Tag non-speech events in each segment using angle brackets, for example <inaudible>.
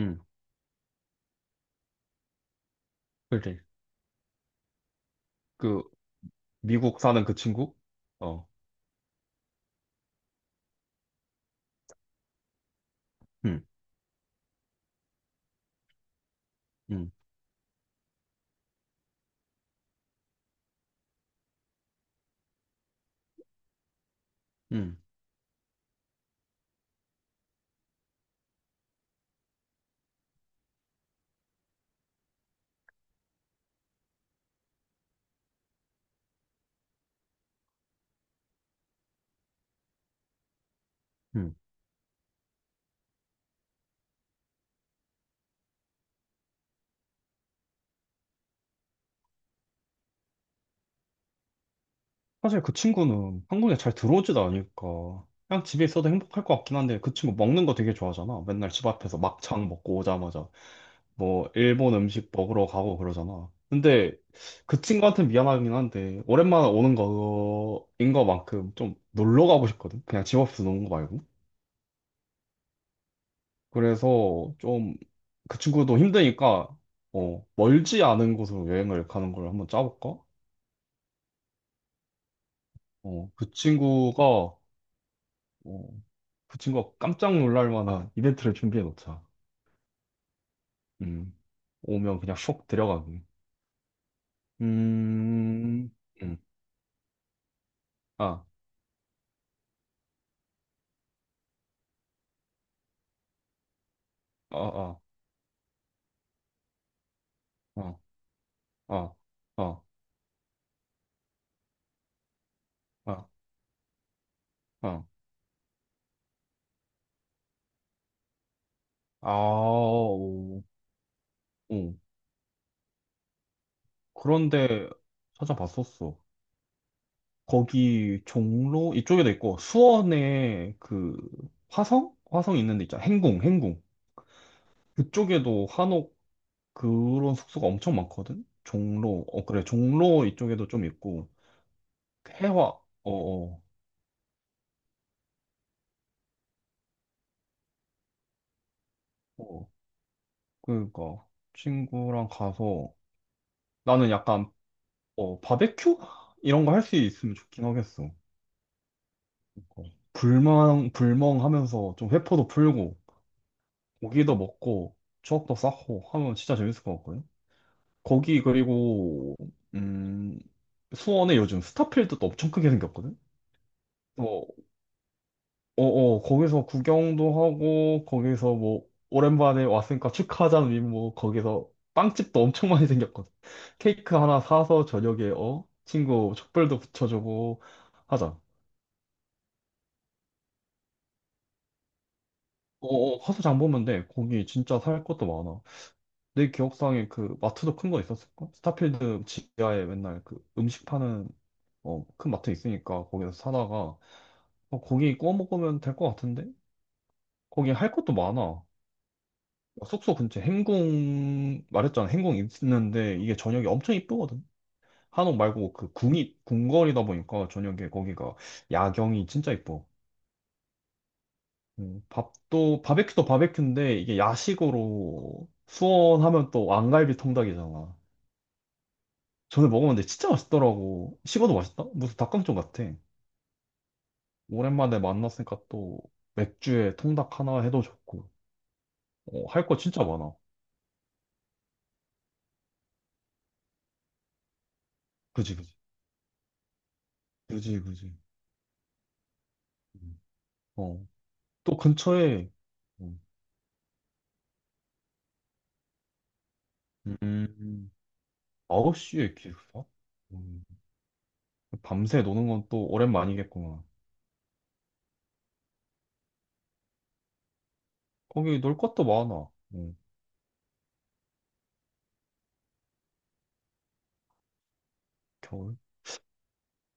음, 그지. 그, 미국 사는 그 친구? 어, 음, 음, 음, 음. 사실 그 친구는 한국에 잘 들어오지도 않으니까, 그냥 집에 있어도 행복할 것 같긴 한데, 그 친구 먹는 거 되게 좋아하잖아. 맨날 집 앞에서 막창 먹고 오자마자, 뭐, 일본 음식 먹으러 가고 그러잖아. 근데, 그 친구한테 미안하긴 한데, 오랜만에 오는 거인 것만큼 좀 놀러 가고 싶거든? 그냥 집 앞에서 노는 거 말고. 그래서 좀 그 친구도 힘드니까 멀지 않은 곳으로 여행을 가는 걸 한번 짜볼까? 어, 그 친구가 어, 그 친구가 깜짝 놀랄 만한 이벤트를 준비해 놓자. 음. 오면 그냥 쏙 들어가기. 음. 음. 아, 아, 아, 아, 아, 아, 아, 아. 아, 오. 오. 그런데 찾아봤었어. 거기 종로 이쪽에도 있고 수원에 그 화성? 화성 있는 데 있잖아. 행궁, 행궁. 그쪽에도 한옥 그런 숙소가 엄청 많거든. 종로. 어 그래. 종로 이쪽에도 좀 있고 해화. 어, 어. 어. 그러니까 친구랑 가서 나는 약간 바베큐 이런 거 할 수 있으면 좋긴 하겠어. 어, 불멍 불멍 하면서 좀 회포도 풀고 고기도 먹고 추억도 쌓고 하면 진짜 재밌을 것 같거든. 거기 그리고 음 수원에 요즘 스타필드도 엄청 크게 생겼거든. 어, 어, 거기서 구경도 하고 거기서 뭐 오랜만에 왔으니까 축하하자는 의미 뭐 거기서 빵집도 엄청 많이 생겼거든. 케이크 하나 사서 저녁에 어 친구 촛불도 붙여주고 하자. 어, 어, 가서 장 보면 돼. 거기 진짜 살 것도 많아. 내 기억상에 그 마트도 큰 거 있었을까? 스타필드 지하에 맨날 그 음식 파는 어, 큰 마트 있으니까 거기서 사다가 어, 고기 구워 먹으면 될 것 같은데? 거기 할 것도 많아. 숙소 근처 행궁, 말했잖아. 행궁 있는데 이게 저녁이 엄청 이쁘거든. 한옥 말고 그 궁이, 궁궐이다 보니까 저녁에 거기가 야경이 진짜 이뻐. 밥도, 바베큐도 바베큐인데 이게 야식으로 수원하면 또 왕갈비 통닭이잖아. 전에 먹었는데 진짜 맛있더라고. 식어도 맛있다? 무슨 닭강정 같아. 오랜만에 만났으니까 또 맥주에 통닭 하나 해도 좋고. 어, 할거 진짜 많아. 그지, 그지. 그지, 그지. 음. 어. 또 근처에, 음, 음, 9시에 기숙사? 음, 밤새 노는 건 또 오랜만이겠구나. 거기 놀 것도 많아. 겨울?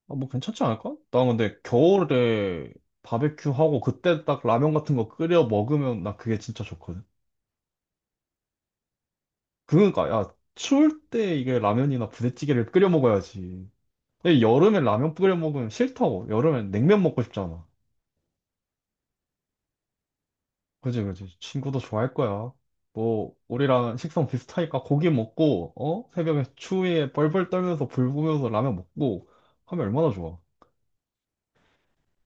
아, 뭐 괜찮지 않을까? 나 근데 겨울에 바베큐 하고 그때 딱 라면 같은 거 끓여 먹으면 나 그게 진짜 좋거든. 그러니까, 야, 추울 때 이게 라면이나 부대찌개를 끓여 먹어야지. 근데 여름에 라면 끓여 먹으면 싫다고. 여름엔 냉면 먹고 싶잖아. 그지, 그지. 친구도 좋아할 거야. 뭐, 우리랑 식성 비슷하니까 고기 먹고, 어? 새벽에 추위에 뻘뻘 떨면서 불 보면서 라면 먹고 하면 얼마나 좋아.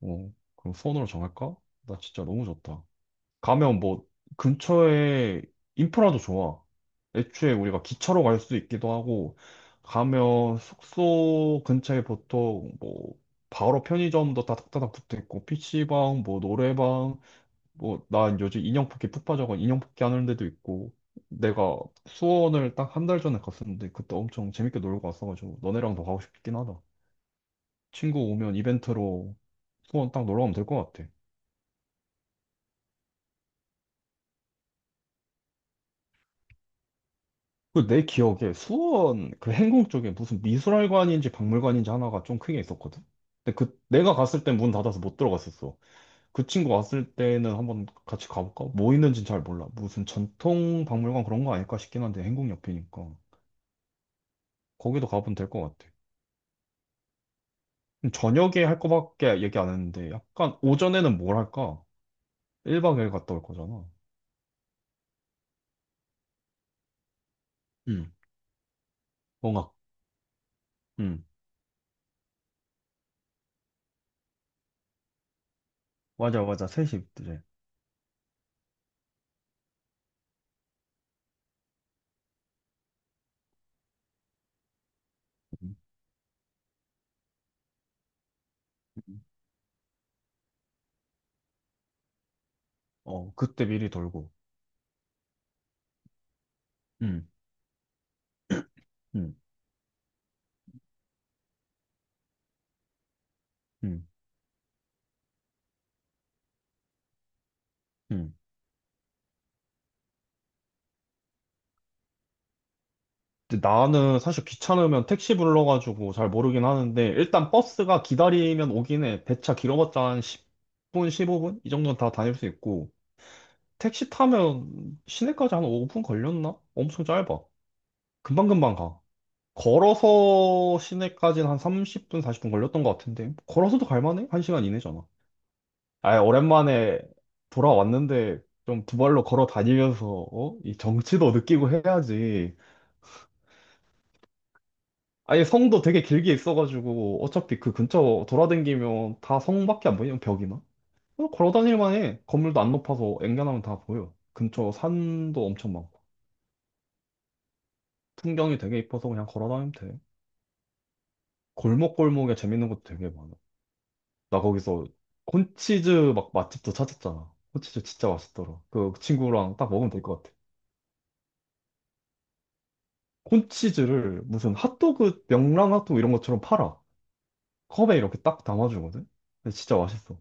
어, 그럼 수원으로 정할까? 나 진짜 너무 좋다. 가면 뭐, 근처에 인프라도 좋아. 애초에 우리가 기차로 갈 수 있기도 하고, 가면 숙소 근처에 보통 뭐, 바로 편의점도 다닥다닥 붙어 있고, PC방, 뭐, 노래방, 뭐, 나 요즘 인형 뽑기 푹 빠져가 인형 뽑기 하는 데도 있고, 내가 수원을 딱 한 달 전에 갔었는데, 그때 엄청 재밌게 놀고 왔어가지고, 너네랑도 가고 싶긴 하다. 친구 오면 이벤트로 수원 딱 놀러 가면 될 것 같아. 그 내 기억에 수원 그 행궁 쪽에 무슨 미술관인지 박물관인지 하나가 좀 크게 있었거든? 근데 그, 내가 갔을 땐 문 닫아서 못 들어갔었어. 그 친구 왔을 때는 한번 같이 가볼까? 뭐 있는지는 잘 몰라. 무슨 전통 박물관 그런 거 아닐까 싶긴 한데, 행궁 옆이니까. 거기도 가보면 될 것 같아. 저녁에 할 거밖에 얘기 안 했는데, 약간 오전에는 뭘 할까? 1박 2일 갔다 올 거잖아. 응. 뭔가, 응. 맞아, 맞아. 셋이 그래. 음. 어, 그때 미리 돌고. 응. 응. 응. 응. 근데 나는 사실 귀찮으면 택시 불러가지고 잘 모르긴 하는데, 일단 버스가 기다리면 오긴 해. 배차 길어봤자 한 10분, 15분? 이 정도는 다 다닐 수 있고, 택시 타면 시내까지 한 5분 걸렸나? 엄청 짧아. 금방금방 가. 걸어서 시내까지는 한 30분, 40분 걸렸던 것 같은데. 걸어서도 갈만해? 한시간 이내잖아. 아, 오랜만에 돌아왔는데 좀 두 발로 걸어 다니면서 어? 이 정취도 느끼고 해야지. 아니, 성도 되게 길게 있어가지고 어차피 그 근처 돌아다니면 다 성밖에 안 보이면 벽이나? 어, 걸어 다닐 만해. 건물도 안 높아서 앵간하면 다 보여. 근처 산도 엄청 많고. 풍경이 되게 이뻐서 그냥 걸어 다니면 돼. 골목골목에 재밌는 것도 되게 많아. 나 거기서 콘치즈 막 맛집도 찾았잖아. 콘치즈 진짜 맛있더라. 그 친구랑 딱 먹으면 될 것 같아. 콘치즈를 무슨 핫도그, 명랑 핫도그 이런 것처럼 팔아. 컵에 이렇게 딱 담아주거든? 근데 진짜 맛있어.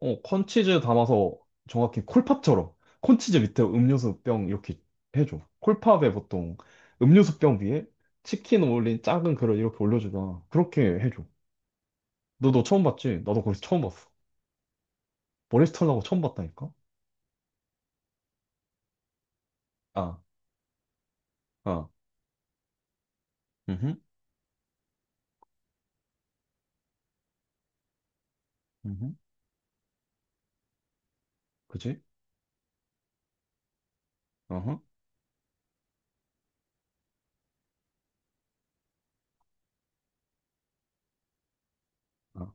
어, 콘치즈 담아서 정확히 콜팝처럼 콘치즈 밑에 음료수 병 이렇게 해줘. 콜팝에 보통 음료수 병 위에 치킨 올린 작은 그릇 이렇게 올려주잖아. 그렇게 해줘. 너도 처음 봤지? 나도 거기서 처음 봤어. 머리 스털일하고 처음 봤다니까? 아, 아. 음흠. 음흠. 그지? 어허. 아,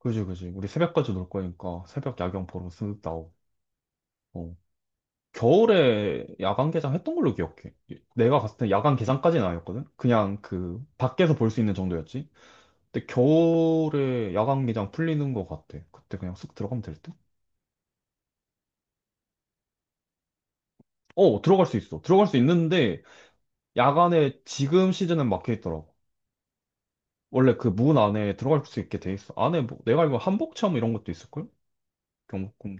그지, 그지. 우리 새벽까지 놀 거니까 새벽 야경 보러 쓱 나오고. 어. 겨울에 야간 개장 했던 걸로 기억해. 예, 내가 갔을 때 야간 개장까지는 아니었거든? 그냥 그 밖에서 볼 수 있는 정도였지. 근데 겨울에 야간 개장 풀리는 것 같아. 그때 그냥 쓱 들어가면 될 듯? 어, 들어갈 수 있어. 들어갈 수 있는데 야간에 지금 시즌은 막혀 있더라고. 원래 그 문 안에 들어갈 수 있게 돼 있어. 안에 뭐 내가 알고 한복 체험 이런 것도 있을걸? 경복궁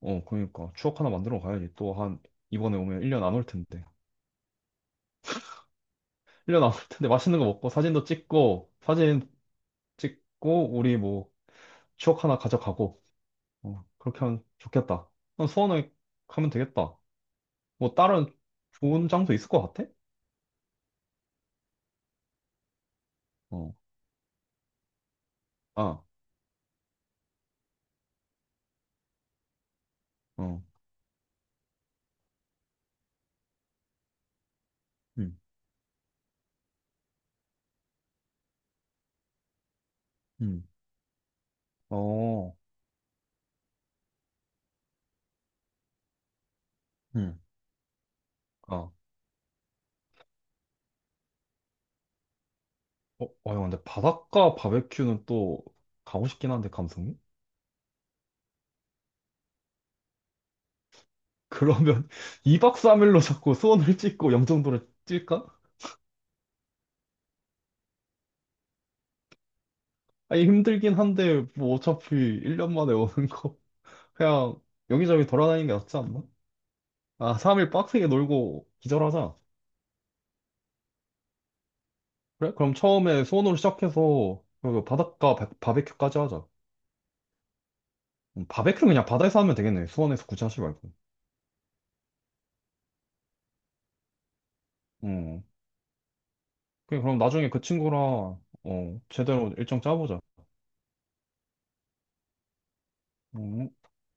어, 그러니까. 추억 하나 만들어 가야지. 또 한, 이번에 오면 1년 안 올 텐데. 1년 안 올 텐데 맛있는 거 먹고 사진도 찍고, 사진 찍고, 우리 뭐, 추억 하나 가져가고, 어, 그렇게 하면 좋겠다. 그럼 수원에 가면 되겠다. 뭐, 다른 좋은 장소 있을 것 같아? 어, 아, 어, 음, 음, 어, 음, 아. 어, 어, 형, 근데 바닷가 바베큐는 또 가고 싶긴 한데, 감성이? 그러면 <laughs> 2박 3일로 자꾸 수원을 찍고 영종도를 찔까? 아니, 힘들긴 한데, 뭐, 어차피 1년 만에 오는 거. <laughs> 그냥, 여기저기 돌아다니는 게 낫지 않나? 아, 3일 빡세게 놀고 기절하자. 그래? 그럼 처음에 수원으로 시작해서, 그리고 바닷가 바, 바베큐까지 하자. 바베큐는 그냥 바다에서 하면 되겠네. 수원에서 굳이 하지 말고. 음. 그래, 그럼 나중에 그 친구랑, 어, 제대로 일정 짜보자. 음.